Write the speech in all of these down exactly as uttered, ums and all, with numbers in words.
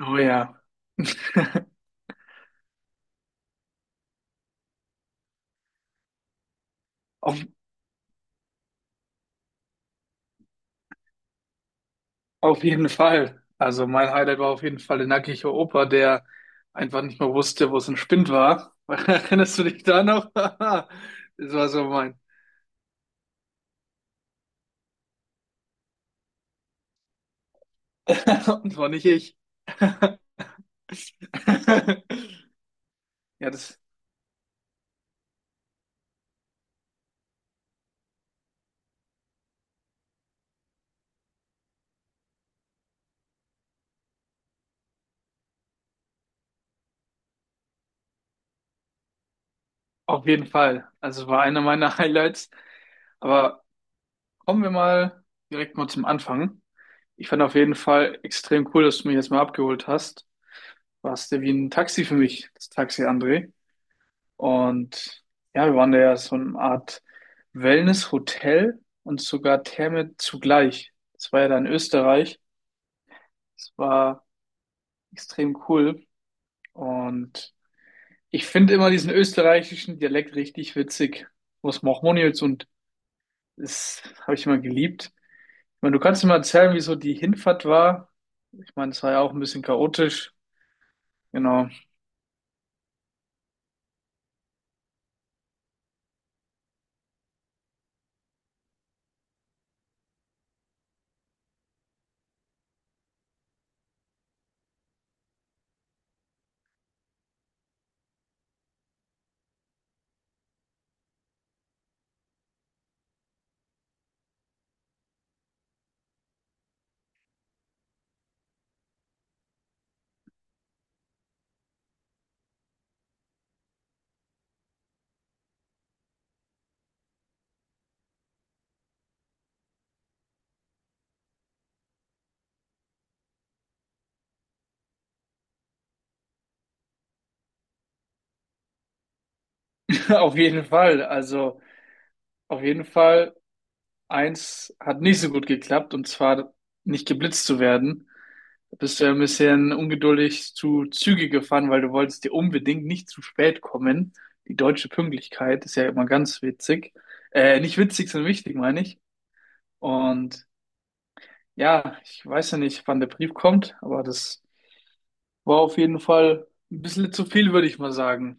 Oh ja, auf, auf jeden Fall. Also mein Highlight war auf jeden Fall der nackige Opa, der einfach nicht mehr wusste, wo es ein Spind war. Erinnerst du dich da noch? Das war so mein. Und war nicht ich. Ja, das auf jeden Fall. Also war einer meiner Highlights. Aber kommen wir mal direkt mal zum Anfang. Ich fand auf jeden Fall extrem cool, dass du mich jetzt mal abgeholt hast. Warst du wie ein Taxi für mich, das Taxi, André. Und ja, wir waren da ja so eine Art Wellness-Hotel und sogar Therme zugleich. Das war ja da in Österreich. Das war extrem cool. Und ich finde immer diesen österreichischen Dialekt richtig witzig. Was macht man jetzt? Und das habe ich immer geliebt. Ich meine, du kannst mir mal erzählen, wie so die Hinfahrt war. Ich meine, es war ja auch ein bisschen chaotisch. Genau. Auf jeden Fall. Also, auf jeden Fall, eins hat nicht so gut geklappt, und zwar nicht geblitzt zu werden. Da bist du ja ein bisschen ungeduldig zu Züge gefahren, weil du wolltest dir unbedingt nicht zu spät kommen. Die deutsche Pünktlichkeit ist ja immer ganz witzig. Äh, nicht witzig, sondern wichtig, meine ich. Und ja, ich weiß ja nicht, wann der Brief kommt, aber das war auf jeden Fall ein bisschen zu viel, würde ich mal sagen.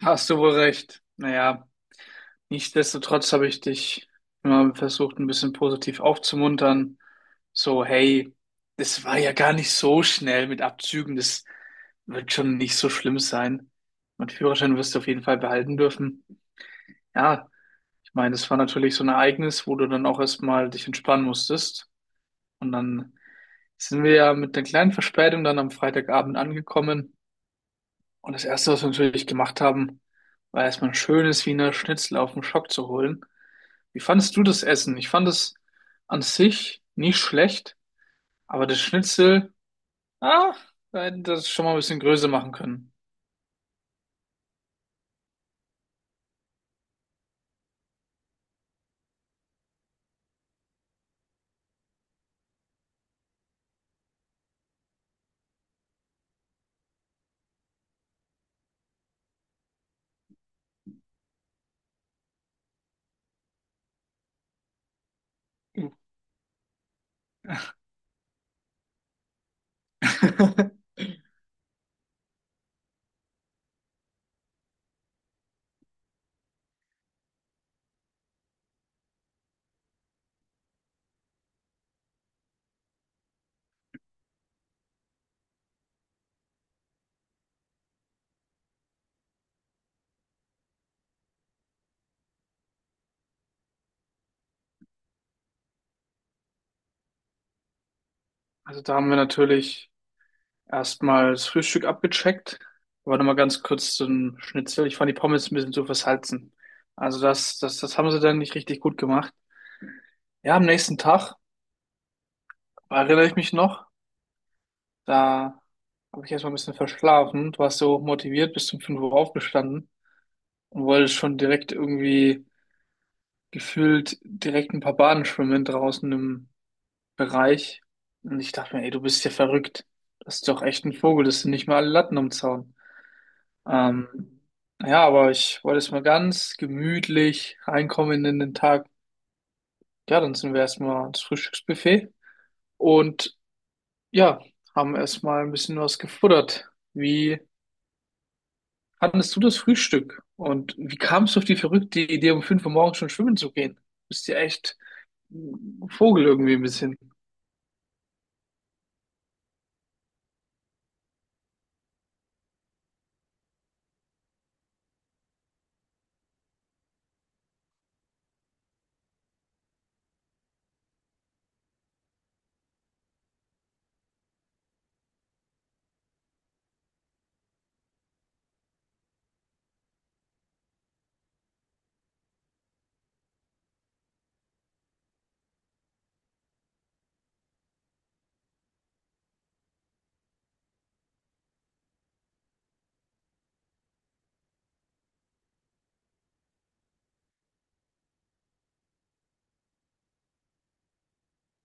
Hast du wohl recht. Naja. Nichtsdestotrotz habe ich dich immer versucht, ein bisschen positiv aufzumuntern. So, hey, das war ja gar nicht so schnell mit Abzügen. Das wird schon nicht so schlimm sein. Mein Führerschein wirst du auf jeden Fall behalten dürfen. Ja, ich meine, das war natürlich so ein Ereignis, wo du dann auch erstmal dich entspannen musstest. Und dann sind wir ja mit einer kleinen Verspätung dann am Freitagabend angekommen. Und das Erste, was wir natürlich gemacht haben, war erstmal ein schönes Wiener Schnitzel auf dem Schock zu holen. Wie fandest du das Essen? Ich fand es an sich nicht schlecht, aber das Schnitzel, ah, da hätten wir das schon mal ein bisschen größer machen können. Also da haben wir natürlich erstmal das Frühstück abgecheckt. Aber nochmal ganz kurz zum Schnitzel. Ich fand die Pommes ein bisschen zu versalzen. Also das, das, das haben sie dann nicht richtig gut gemacht. Ja, am nächsten Tag, erinnere ich mich noch, da habe ich erstmal ein bisschen verschlafen. Du warst so motiviert, bis um fünf Uhr aufgestanden und wolltest schon direkt irgendwie gefühlt direkt ein paar Bahnen schwimmen draußen im Bereich. Und ich dachte mir, ey, du bist ja verrückt. Das ist doch echt ein Vogel, das sind nicht mal alle Latten am Zaun. Ähm, ja, aber ich wollte jetzt mal ganz gemütlich reinkommen in den Tag. Ja, dann sind wir erstmal ans Frühstücksbuffet und ja, haben erstmal ein bisschen was gefuttert. Wie fandest du das Frühstück? Und wie kamst du auf die verrückte Idee, um fünf Uhr morgens schon schwimmen zu gehen? Bist ja echt ein Vogel irgendwie ein bisschen.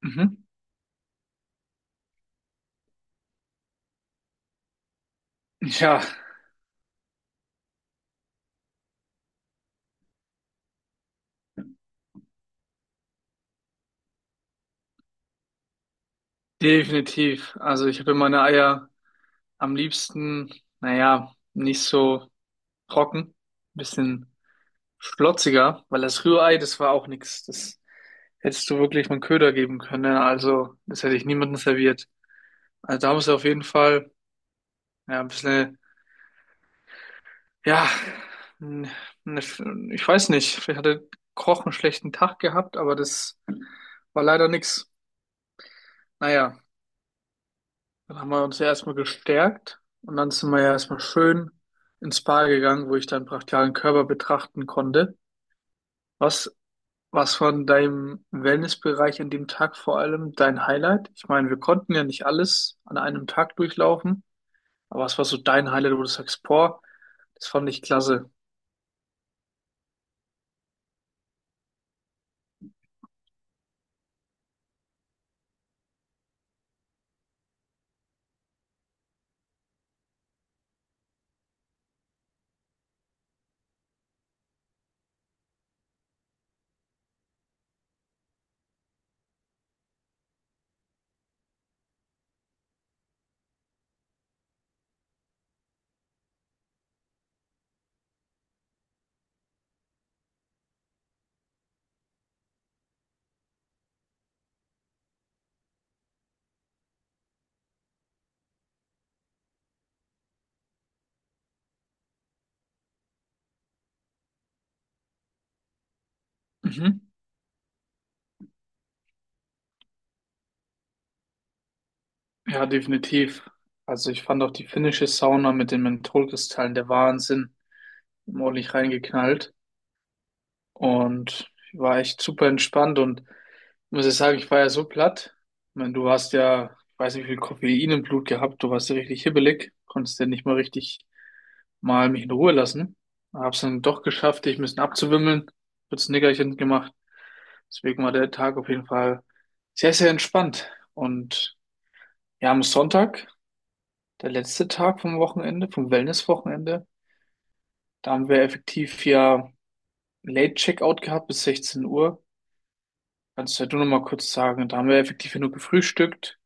Mhm. Ja, definitiv. Also ich habe meine Eier am liebsten, naja, nicht so trocken, bisschen schlotziger, weil das Rührei, das war auch nichts. Das hättest du wirklich mit Köder geben können. ne? Also das hätte ich niemandem serviert. Also da musst du auf jeden Fall ja, ein bisschen, ja, n- ne, ich weiß nicht, vielleicht hat der Koch einen schlechten Tag gehabt, aber das war leider nichts. Naja. Dann haben wir uns ja erstmal gestärkt und dann sind wir ja erstmal schön ins Spa gegangen, wo ich deinen brachialen Körper betrachten konnte. Was, was von deinem Wellnessbereich an dem Tag vor allem dein Highlight? Ich meine, wir konnten ja nicht alles an einem Tag durchlaufen, aber was war so dein Highlight, wo du sagst, boah, das fand ich klasse. Mhm. Ja, definitiv. Also ich fand auch die finnische Sauna mit den Mentholkristallen der Wahnsinn. Ordentlich reingeknallt. und war echt super entspannt und muss ich sagen, ich war ja so platt. Ich meine, du hast ja, ich weiß nicht, wie viel Koffein im Blut gehabt, du warst ja richtig hibbelig, konntest ja nicht mal richtig mal mich in Ruhe lassen. Hab's dann doch geschafft, dich ein bisschen abzuwimmeln, kurz ein Nickerchen gemacht. Deswegen war der Tag auf jeden Fall sehr, sehr entspannt. Und ja, am Sonntag, der letzte Tag vom Wochenende, vom Wellness-Wochenende, da haben wir effektiv ja Late Checkout gehabt bis 16 Uhr. Kannst du ja du noch mal kurz sagen, da haben wir effektiv ja nur gefrühstückt,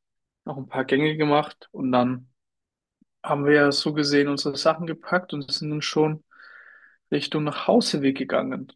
noch ein paar Gänge gemacht und dann haben wir ja so gesehen unsere Sachen gepackt und sind dann schon Richtung nach Hauseweg gegangen.